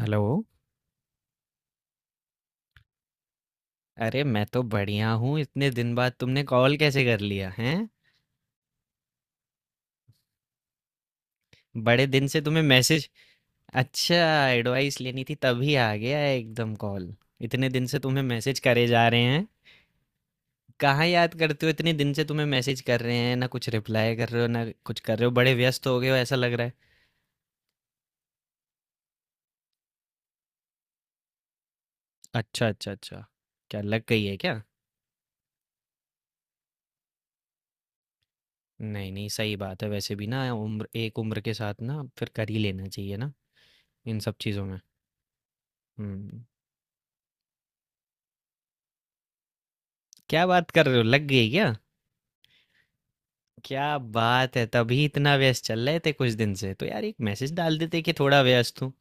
Hello. अरे मैं तो बढ़िया हूँ। इतने दिन बाद तुमने कॉल कैसे कर लिया हैं? बड़े दिन से तुम्हें मैसेज... अच्छा, एडवाइस लेनी थी तभी आ गया एकदम कॉल। इतने दिन से तुम्हें मैसेज करे जा रहे हैं। कहाँ याद करते हो, इतने दिन से तुम्हें मैसेज कर रहे हैं, ना कुछ रिप्लाई कर रहे हो ना कुछ कर रहे हो, बड़े व्यस्त हो गए हो ऐसा लग रहा है। अच्छा अच्छा अच्छा। क्या लग गई है क्या? नहीं नहीं, सही बात है, वैसे भी ना उम्र, एक उम्र के साथ ना फिर कर ही लेना चाहिए ना, इन सब चीज़ों में। हम्म। क्या बात कर रहे हो, लग गई क्या? क्या बात है, तभी इतना व्यस्त चल रहे थे कुछ दिन से, तो यार एक मैसेज डाल देते कि थोड़ा व्यस्त हूँ।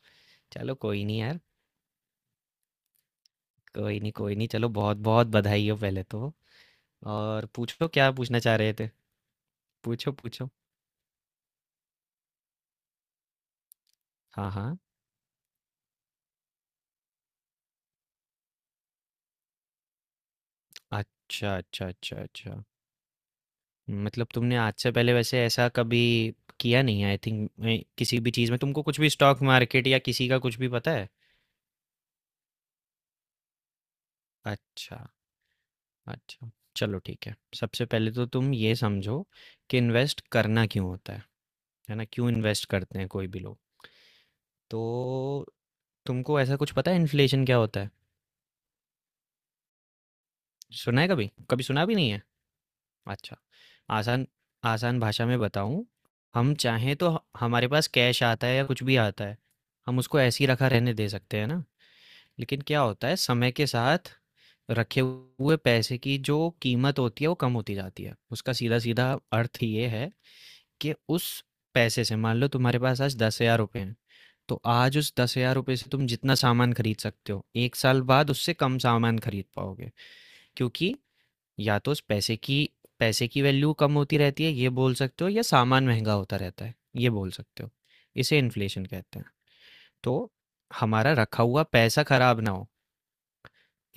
चलो कोई नहीं यार। कोई नहीं कोई नहीं, चलो बहुत बहुत बधाई हो पहले तो। और पूछो, क्या पूछना चाह रहे थे? पूछो पूछो। हाँ हाँ। अच्छा अच्छा अच्छा अच्छा। मतलब तुमने आज से पहले वैसे ऐसा कभी किया नहीं है, आई थिंक? किसी भी चीज़ में तुमको कुछ भी, स्टॉक मार्केट या किसी का कुछ भी पता है? अच्छा। अच्छा। चलो ठीक है। सबसे पहले तो तुम ये समझो कि इन्वेस्ट करना क्यों होता है ना? क्यों इन्वेस्ट करते हैं कोई भी लोग? तो तुमको ऐसा कुछ पता है, इन्फ्लेशन क्या होता है? सुना है कभी, कभी सुना भी नहीं है? अच्छा। आसान, आसान भाषा में बताऊं। हम चाहें तो हमारे पास कैश आता है या कुछ भी आता है, हम उसको ऐसे ही रखा रहने दे सकते हैं ना। लेकिन क्या होता है, समय के साथ रखे हुए पैसे की जो कीमत होती है वो कम होती जाती है। उसका सीधा सीधा अर्थ ये है कि उस पैसे से, मान लो तुम्हारे पास आज 10,000 रुपये हैं, तो आज उस 10,000 रुपये से तुम जितना सामान खरीद सकते हो, एक साल बाद उससे कम सामान खरीद पाओगे। क्योंकि या तो उस पैसे की वैल्यू कम होती रहती है ये बोल सकते हो, या सामान महंगा होता रहता है ये बोल सकते हो। इसे इन्फ्लेशन कहते हैं। तो हमारा रखा हुआ पैसा खराब ना हो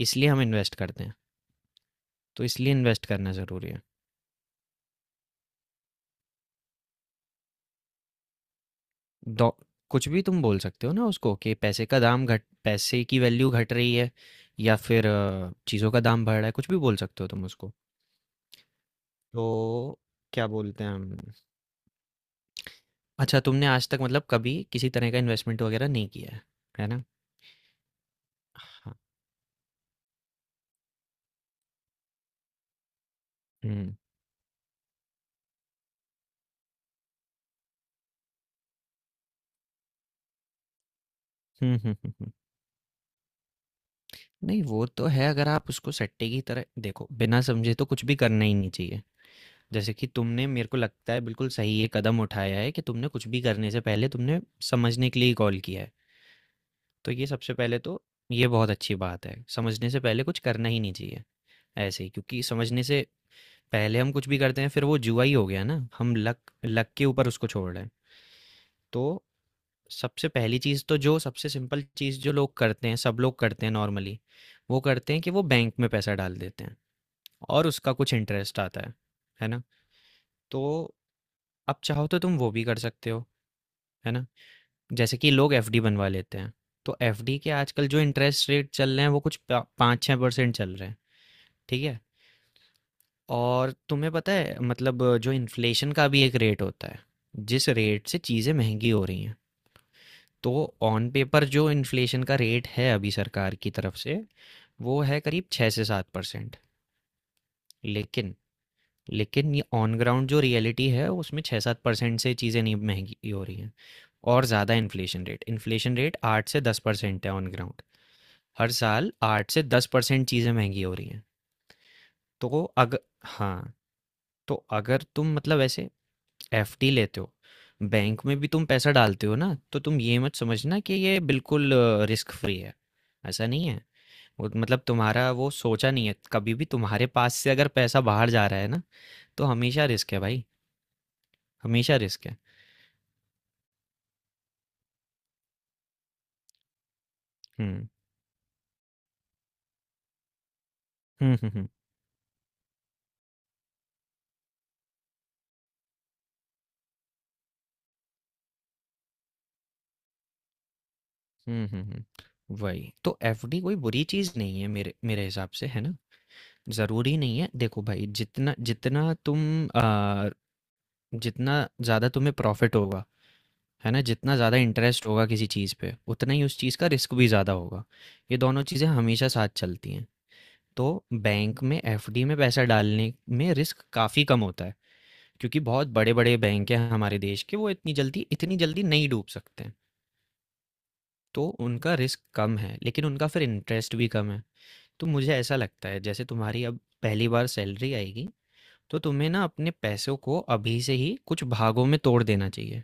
इसलिए हम इन्वेस्ट करते हैं। तो इसलिए इन्वेस्ट करना ज़रूरी है। डॉ कुछ भी तुम बोल सकते हो ना उसको, कि पैसे का दाम घट, पैसे की वैल्यू घट रही है, या फिर चीज़ों का दाम बढ़ रहा है, कुछ भी बोल सकते हो तुम उसको। तो क्या बोलते हैं हम? अच्छा, तुमने आज तक, मतलब कभी किसी तरह का इन्वेस्टमेंट वगैरह नहीं किया है ना? हाँ। हम्म हम्म हम्म हम्म, हम्म। नहीं वो तो है, अगर आप उसको सट्टे की तरह देखो बिना समझे, तो कुछ भी करना ही नहीं चाहिए। जैसे कि तुमने, मेरे को लगता है बिल्कुल सही ये कदम उठाया है कि तुमने कुछ भी करने से पहले तुमने समझने के लिए कॉल किया है। तो ये सबसे पहले तो ये बहुत अच्छी बात है। समझने से पहले कुछ करना ही नहीं चाहिए, ऐसे ही, क्योंकि समझने से पहले हम कुछ भी करते हैं फिर वो जुआ ही हो गया ना, हम लक लक के ऊपर उसको छोड़ रहे हैं। तो सबसे पहली चीज़ तो, जो सबसे सिंपल चीज़ जो लोग करते हैं, सब लोग करते हैं नॉर्मली, वो करते हैं कि वो बैंक में पैसा डाल देते हैं और उसका कुछ इंटरेस्ट आता है ना? तो अब चाहो तो तुम वो भी कर सकते हो, है ना? जैसे कि लोग एफडी बनवा लेते हैं, तो एफडी के आजकल जो इंटरेस्ट रेट चल रहे हैं वो कुछ पा 5-6% चल रहे हैं। ठीक है। और तुम्हें पता है, मतलब जो इन्फ्लेशन का भी एक रेट होता है, जिस रेट से चीज़ें महंगी हो रही हैं। तो ऑन पेपर जो इन्फ्लेशन का रेट है अभी सरकार की तरफ से, वो है करीब 6 से 7%। लेकिन लेकिन ये ऑन ग्राउंड जो रियलिटी है उसमें 6-7% से चीज़ें नहीं महंगी हो रही हैं, और ज़्यादा इन्फ्लेशन रेट 8 से 10% है ऑन ग्राउंड। हर साल 8 से 10% चीज़ें महंगी हो रही हैं। तो अगर, हाँ, तो अगर तुम, मतलब, ऐसे एफडी लेते हो, बैंक में भी तुम पैसा डालते हो ना, तो तुम ये मत समझना कि ये बिल्कुल रिस्क फ्री है, ऐसा नहीं है। वो, मतलब, तुम्हारा वो सोचा नहीं है कभी भी, तुम्हारे पास से अगर पैसा बाहर जा रहा है ना तो हमेशा रिस्क है भाई, हमेशा रिस्क है। हम्म हम्म हम्म हम्म हम्म हम्म, हम्म। वही तो, एफडी कोई बुरी चीज़ नहीं है मेरे मेरे हिसाब से, है ना? ज़रूरी नहीं है, देखो भाई, जितना जितना तुम, आ, जितना ज़्यादा तुम्हें प्रॉफिट होगा, है ना, जितना ज़्यादा इंटरेस्ट होगा किसी चीज़ पे, उतना ही उस चीज़ का रिस्क भी ज़्यादा होगा। ये दोनों चीज़ें हमेशा साथ चलती हैं। तो बैंक में, एफडी में पैसा डालने में रिस्क काफ़ी कम होता है, क्योंकि बहुत बड़े बड़े बैंक हैं हमारे देश के, वो इतनी जल्दी नहीं डूब सकते हैं। तो उनका रिस्क कम है, लेकिन उनका फिर इंटरेस्ट भी कम है। तो मुझे ऐसा लगता है, जैसे तुम्हारी अब पहली बार सैलरी आएगी तो तुम्हें ना अपने पैसों को अभी से ही कुछ भागों में तोड़ देना चाहिए।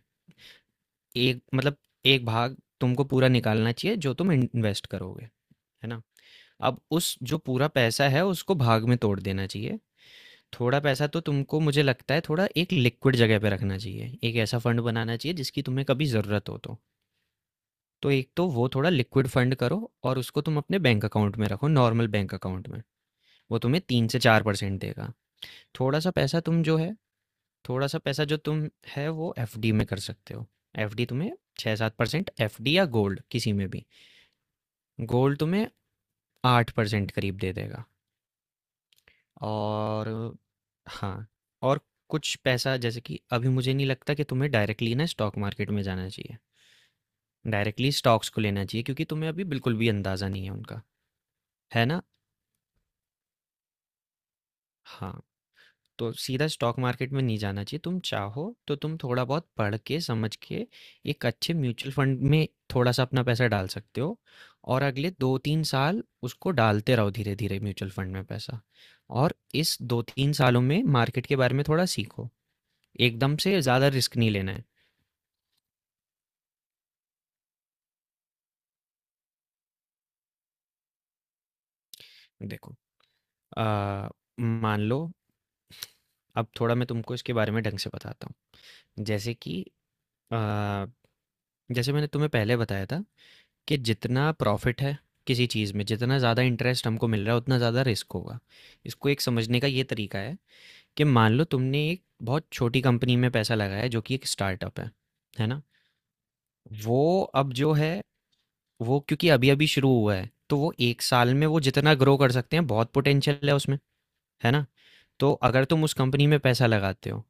एक, मतलब, एक भाग तुमको पूरा निकालना चाहिए जो तुम इन्वेस्ट करोगे, है ना। अब उस जो पूरा पैसा है उसको भाग में तोड़ देना चाहिए। थोड़ा पैसा तो तुमको, मुझे लगता है, थोड़ा एक लिक्विड जगह पे रखना चाहिए, एक ऐसा फंड बनाना चाहिए जिसकी तुम्हें कभी ज़रूरत हो तो। तो एक तो वो थोड़ा लिक्विड फंड करो, और उसको तुम अपने बैंक अकाउंट में रखो, नॉर्मल बैंक अकाउंट में, वो तुम्हें 3 से 4% देगा। थोड़ा सा पैसा तुम जो है, थोड़ा सा पैसा जो तुम है वो एफडी में कर सकते हो, एफडी तुम्हें 6-7%, एफडी या गोल्ड किसी में भी। गोल्ड तुम्हें 8% करीब दे देगा। और, हाँ, और कुछ पैसा, जैसे कि अभी मुझे नहीं लगता कि तुम्हें डायरेक्टली ना स्टॉक मार्केट में जाना चाहिए, डायरेक्टली स्टॉक्स को लेना चाहिए, क्योंकि तुम्हें अभी बिल्कुल भी अंदाज़ा नहीं है उनका, है ना। हाँ, तो सीधा स्टॉक मार्केट में नहीं जाना चाहिए। तुम चाहो तो तुम थोड़ा बहुत पढ़ के, समझ के एक अच्छे म्यूचुअल फंड में थोड़ा-सा अपना पैसा डाल सकते हो, और अगले 2-3 साल उसको डालते रहो धीरे-धीरे म्यूचुअल फंड में पैसा। और इस 2-3 सालों में मार्केट के बारे में थोड़ा सीखो। एकदम से ज़्यादा रिस्क नहीं लेना है। देखो, अ, मान लो, अब थोड़ा मैं तुमको इसके बारे में ढंग से बताता हूँ। जैसे कि, अ, जैसे मैंने तुम्हें पहले बताया था कि जितना प्रॉफिट है किसी चीज़ में, जितना ज़्यादा इंटरेस्ट हमको मिल रहा है उतना ज़्यादा रिस्क होगा। इसको एक समझने का ये तरीका है, कि मान लो तुमने एक बहुत छोटी कंपनी में पैसा लगाया है, जो कि एक स्टार्टअप है ना। वो अब जो है, वो क्योंकि अभी अभी शुरू हुआ है तो वो एक साल में, वो जितना ग्रो कर सकते हैं, बहुत पोटेंशियल है उसमें, है ना। तो अगर तुम उस कंपनी में पैसा लगाते हो,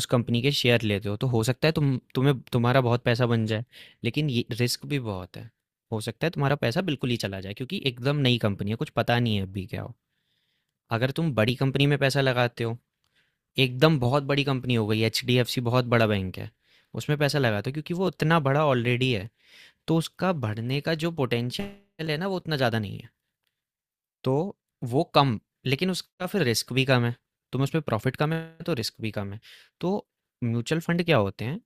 उस कंपनी के शेयर लेते हो, तो हो सकता है तुम्हारा बहुत पैसा बन जाए। लेकिन ये रिस्क भी बहुत है, हो सकता है तुम्हारा पैसा बिल्कुल ही चला जाए, क्योंकि एकदम नई कंपनी है, कुछ पता नहीं है अभी क्या हो। अगर तुम बड़ी कंपनी में पैसा लगाते हो, एकदम बहुत बड़ी कंपनी हो गई, एच डी एफ सी बहुत बड़ा बैंक है, उसमें पैसा लगाते हो, क्योंकि वो उतना बड़ा ऑलरेडी है, तो उसका बढ़ने का जो पोटेंशियल है ना वो उतना ज़्यादा नहीं है, तो वो कम, लेकिन उसका फिर रिस्क भी कम है। तुम उसमें प्रॉफिट कम है तो रिस्क भी कम है। तो म्यूचुअल फंड क्या होते हैं?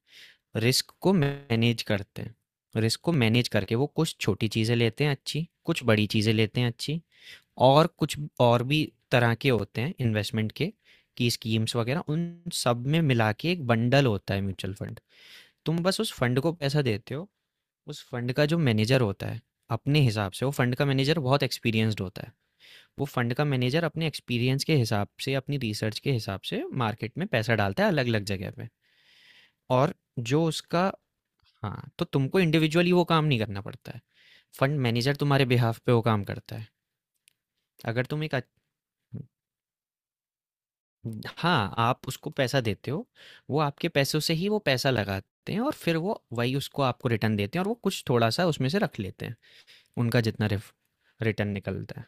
रिस्क को मैनेज करते हैं, रिस्क को मैनेज करके वो कुछ छोटी चीज़ें लेते हैं अच्छी, कुछ बड़ी चीज़ें लेते हैं अच्छी, और कुछ और भी तरह के होते हैं इन्वेस्टमेंट के, की स्कीम्स वगैरह, उन सब में मिला के एक बंडल होता है म्यूचुअल फंड। तुम बस उस फंड को पैसा देते हो, उस फंड का जो मैनेजर होता है, अपने हिसाब से, वो फंड का मैनेजर बहुत एक्सपीरियंस्ड होता है, वो फंड का मैनेजर अपने एक्सपीरियंस के हिसाब से, अपनी रिसर्च के हिसाब से, मार्केट में पैसा डालता है अलग अलग जगह पे। और जो उसका... हाँ, तो तुमको इंडिविजुअली वो काम नहीं करना पड़ता है, फंड मैनेजर तुम्हारे बिहाफ पे वो काम करता है। अगर तुम एक अच्छ- हाँ, आप उसको पैसा देते हो, वो आपके पैसों से ही वो पैसा लगाते हैं, और फिर वो वही उसको आपको रिटर्न देते हैं, और वो कुछ थोड़ा सा उसमें से रख लेते हैं, उनका जितना रिटर्न निकलता है।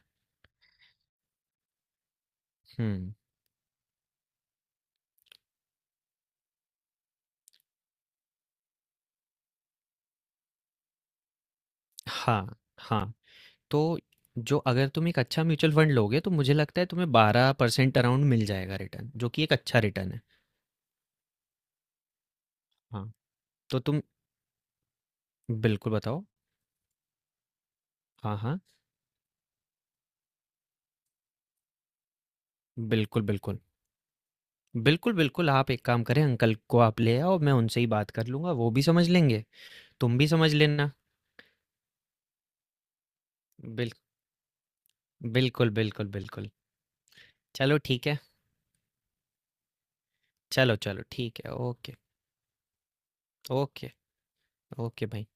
हम्म। हाँ हाँ। तो जो, अगर तुम एक अच्छा म्यूचुअल फंड लोगे तो मुझे लगता है तुम्हें 12% अराउंड मिल जाएगा रिटर्न, जो कि एक अच्छा रिटर्न है। हाँ, तो तुम बिल्कुल बताओ। हाँ हाँ। बिल्कुल बिल्कुल। बिल्कुल, बिल्कुल, आप एक काम करें, अंकल को आप ले आओ, मैं उनसे ही बात कर लूँगा, वो भी समझ लेंगे, तुम भी समझ लेना। बिल बिल्कुल, बिल्कुल, बिल्कुल। चलो ठीक है, चलो, चलो ठीक है, ओके, ओके, ओके भाई।